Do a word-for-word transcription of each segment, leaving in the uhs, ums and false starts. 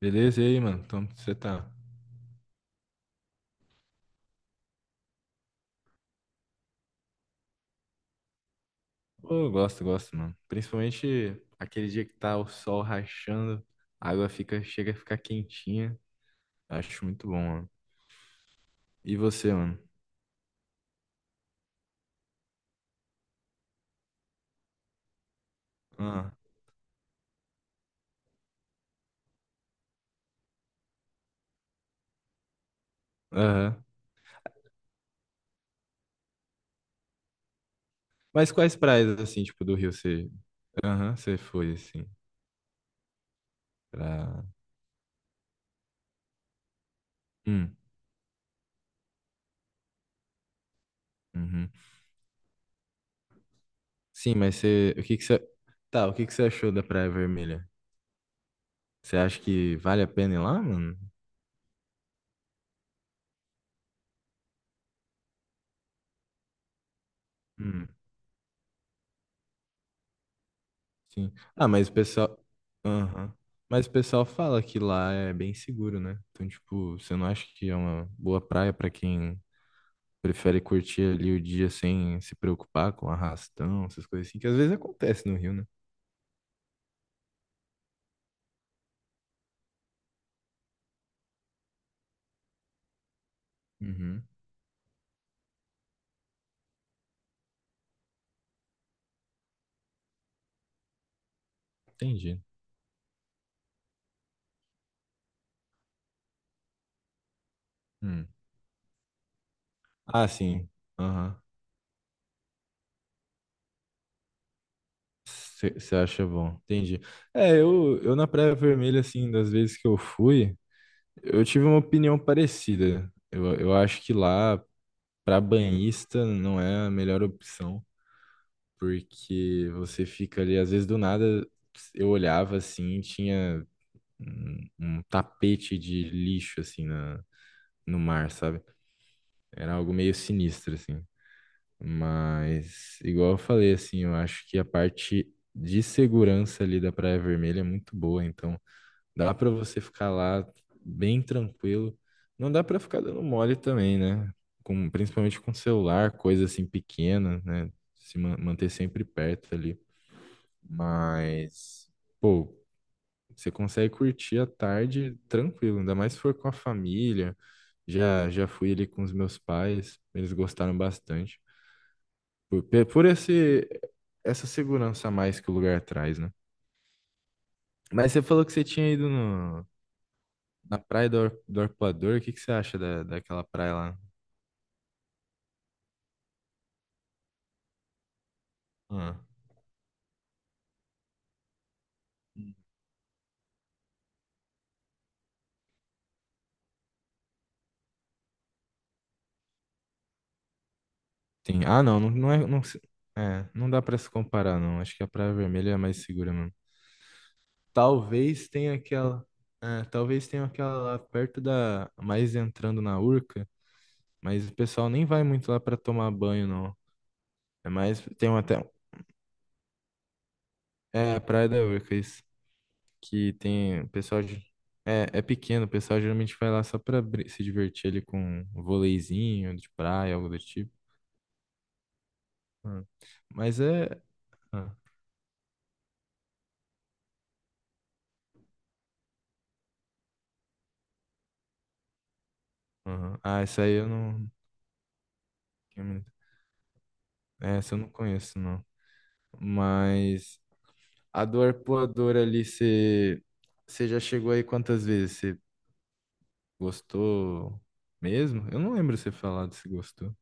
Beleza? E aí, mano? Como você tá? Pô, eu gosto, gosto, mano. Principalmente aquele dia que tá o sol rachando, a água fica, chega a ficar quentinha. Acho muito bom, mano. E você, mano? Ah, aham. Mas quais praias, assim, tipo, do Rio você... Aham, você foi, assim, pra... Hum, uhum. Sim, mas você... O que que você... Tá, o que que você achou da Praia Vermelha? Você acha que vale a pena ir lá, mano? Hum. Sim. Ah, mas o pessoal. Aham. Mas o pessoal fala que lá é bem seguro, né? Então, tipo, você não acha que é uma boa praia pra quem prefere curtir ali o dia sem se preocupar com arrastão, essas coisas assim, que às vezes acontece no Rio, né? Uhum. Entendi. Hum. Ah, sim. Aham. Você acha bom. Entendi. É, eu, eu na Praia Vermelha, assim, das vezes que eu fui, eu tive uma opinião parecida. Eu, eu acho que lá, pra banhista, não é a melhor opção. Porque você fica ali, às vezes do nada eu olhava assim, tinha um, um tapete de lixo assim na, no mar, sabe? Era algo meio sinistro assim. Mas igual eu falei assim, eu acho que a parte de segurança ali da Praia Vermelha é muito boa, então dá pra você ficar lá bem tranquilo. Não dá pra ficar dando mole também, né? Com, principalmente com celular, coisa assim pequena, né? Se ma- manter sempre perto ali. Mas, pô, você consegue curtir a tarde tranquilo, ainda mais se for com a família. Já, já fui ali com os meus pais, eles gostaram bastante. Por, pe- por esse, Essa segurança a mais que o lugar traz, né? Mas você falou que você tinha ido no, na praia do, Ar- do Arpoador, o que, que você acha da, daquela praia lá? Ah, tem, ah, não, não, não é. Não, se- é, não dá pra se comparar, não. Acho que a Praia Vermelha é a mais segura mesmo. Talvez tenha aquela. É, talvez tenha aquela lá perto da. Mais entrando na Urca. Mas o pessoal nem vai muito lá pra tomar banho, não. É mais. Tem uma até. É, a Praia da Urca, isso. Que tem. O pessoal. ge- É, é pequeno, o pessoal geralmente vai lá só pra brin- se divertir ali com um voleizinho de praia, algo do tipo. Ah, mas é. Ah, aham. Ah, essa aí eu não. É, essa eu não conheço, não. Mas. A do Arpoador ali, você você já chegou aí quantas vezes? Você gostou mesmo? Eu não lembro você falar se gostou.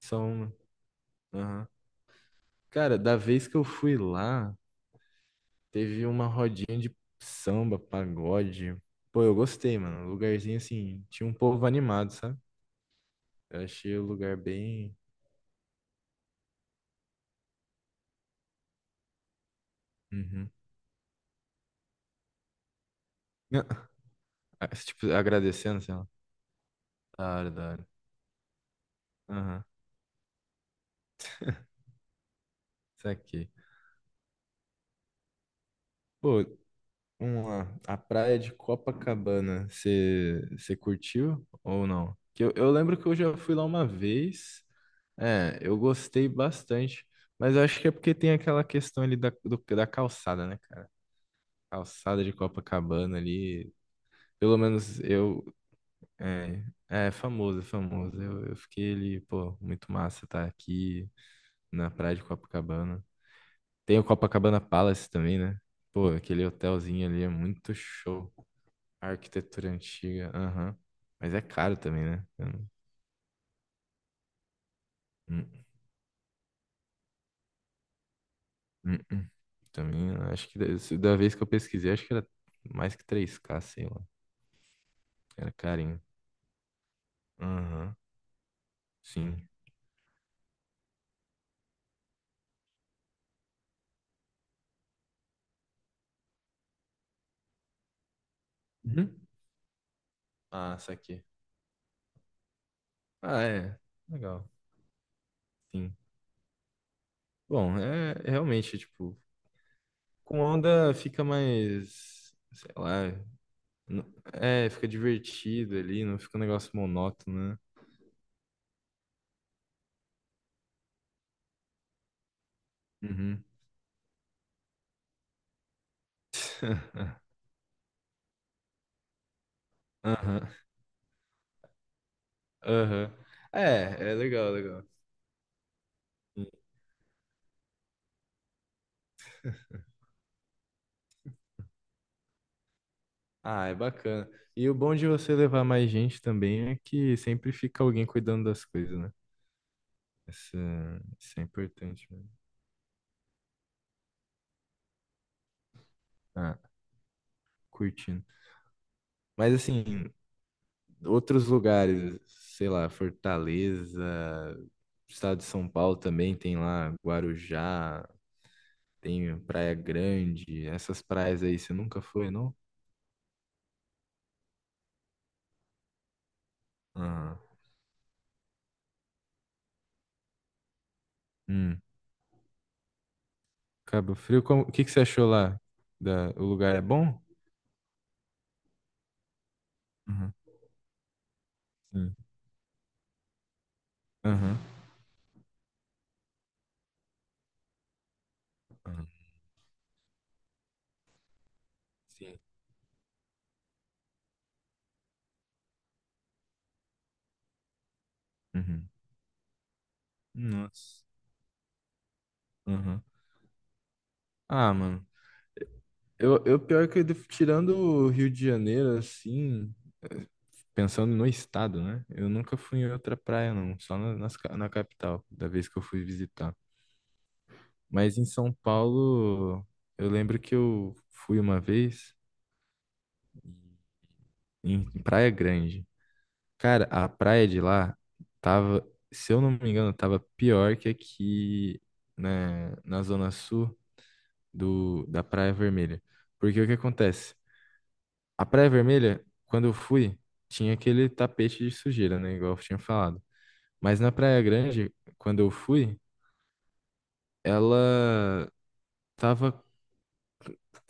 Só uma. Aham. Cara, da vez que eu fui lá, teve uma rodinha de samba, pagode. Pô, eu gostei, mano. Um lugarzinho assim, tinha um povo animado, sabe? Eu achei o lugar bem. Uhum. Ah, tipo, agradecendo, sei lá. Da hora, da hora. Aham. Isso aqui. Pô, vamos lá. A praia de Copacabana, você você curtiu ou não? Que eu, eu lembro que eu já fui lá uma vez. É, eu gostei bastante. Mas eu acho que é porque tem aquela questão ali da, do- da calçada, né, cara? Calçada de Copacabana ali. Pelo menos eu. É, é famoso, é famoso. Eu, eu fiquei ali, pô, muito massa estar aqui na praia de Copacabana. Tem o Copacabana Palace também, né? Pô, aquele hotelzinho ali é muito show. A arquitetura antiga, aham. Mas é caro também, né? Eu não- Hum, hum, hum. Também, eu acho que da se- da vez que eu pesquisei, acho que era mais que três k, sei lá. Era carinho. Aham, sim. Uhum. Ah, saquei. Ah, é. Legal. Sim. Bom, é realmente, tipo, com onda fica mais, sei lá, n- é, fica divertido ali, não fica um negócio monótono, né? Uhum. Aham, aham. É, é legal, legal. Ah, é bacana. E o bom de você levar mais gente também é que sempre fica alguém cuidando das coisas, né? Isso, é, isso é importante, né? Ah, curtindo. Mas assim, outros lugares, sei lá, Fortaleza, estado de São Paulo também tem lá Guarujá, tem Praia Grande, essas praias aí você nunca foi, não? Ah, hum. Cabo Frio, como- o que que você achou lá? Da, o lugar é bom? Uhum. Sim. Aham. Aham. Sim. Uhum. Nossa. Aham. Ah, mano. Eu, eu pior que eu def- tirando o Rio de Janeiro, assim, eh, pensando no estado, né? Eu nunca fui em outra praia, não. Só na, nas ca- na capital, da vez que eu fui visitar. Mas em São Paulo, eu lembro que eu fui uma vez em, em Praia Grande. Cara, a praia de lá tava, se eu não me engano, tava pior que aqui, né, na zona sul do, da Praia Vermelha. Porque o que acontece? A Praia Vermelha, quando eu fui, tinha aquele tapete de sujeira, né? Igual eu tinha falado. Mas na Praia Grande, quando eu fui, ela tava.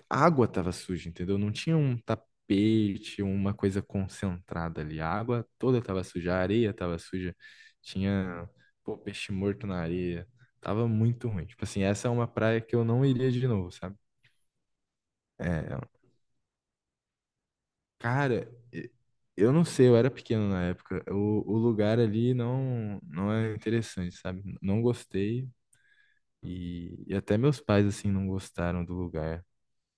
A água tava suja, entendeu? Não tinha um tapete, uma coisa concentrada ali. A água toda tava suja, a areia tava suja, tinha, pô, peixe morto na areia. Tava muito ruim. Tipo assim, essa é uma praia que eu não iria de novo, sabe? É, cara, eu não sei, eu era pequeno na época. O, o lugar ali não não é interessante, sabe? Não gostei e, e até meus pais assim não gostaram do lugar.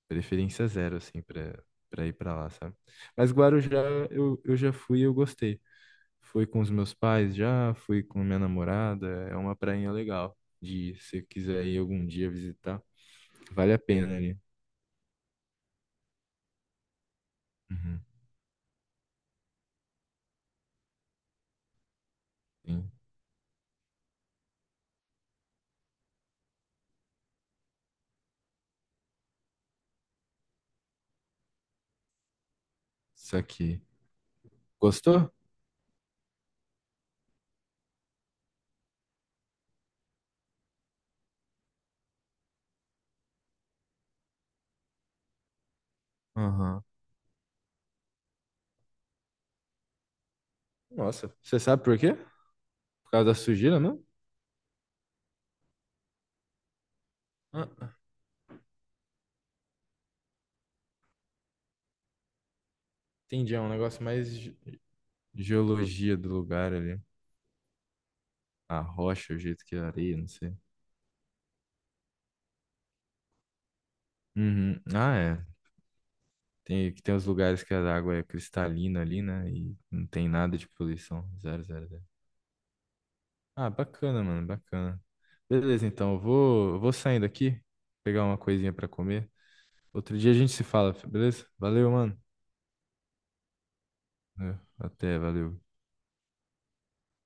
Preferência zero assim para para ir para lá, sabe? Mas Guarujá eu, eu já fui e eu gostei. Fui com os meus pais já, fui com minha namorada, é uma prainha legal de ir, se quiser ir algum dia visitar, vale a pena ali. Uhum, sim. Isso aqui. Gostou? Aham. Nossa, você sabe por quê? Por causa da sujeira, não? Entendi, é um negócio mais ge- geologia do lugar ali. A rocha, o jeito que é a areia, não sei. Uhum. Ah, é. Tem, que tem os lugares que a água é cristalina ali, né? E não tem nada de poluição. Zero, zero, zero. Ah, bacana, mano, bacana. Beleza, então, eu vou, eu vou saindo aqui, pegar uma coisinha pra comer. Outro dia a gente se fala, beleza? Valeu, mano. É, até, valeu.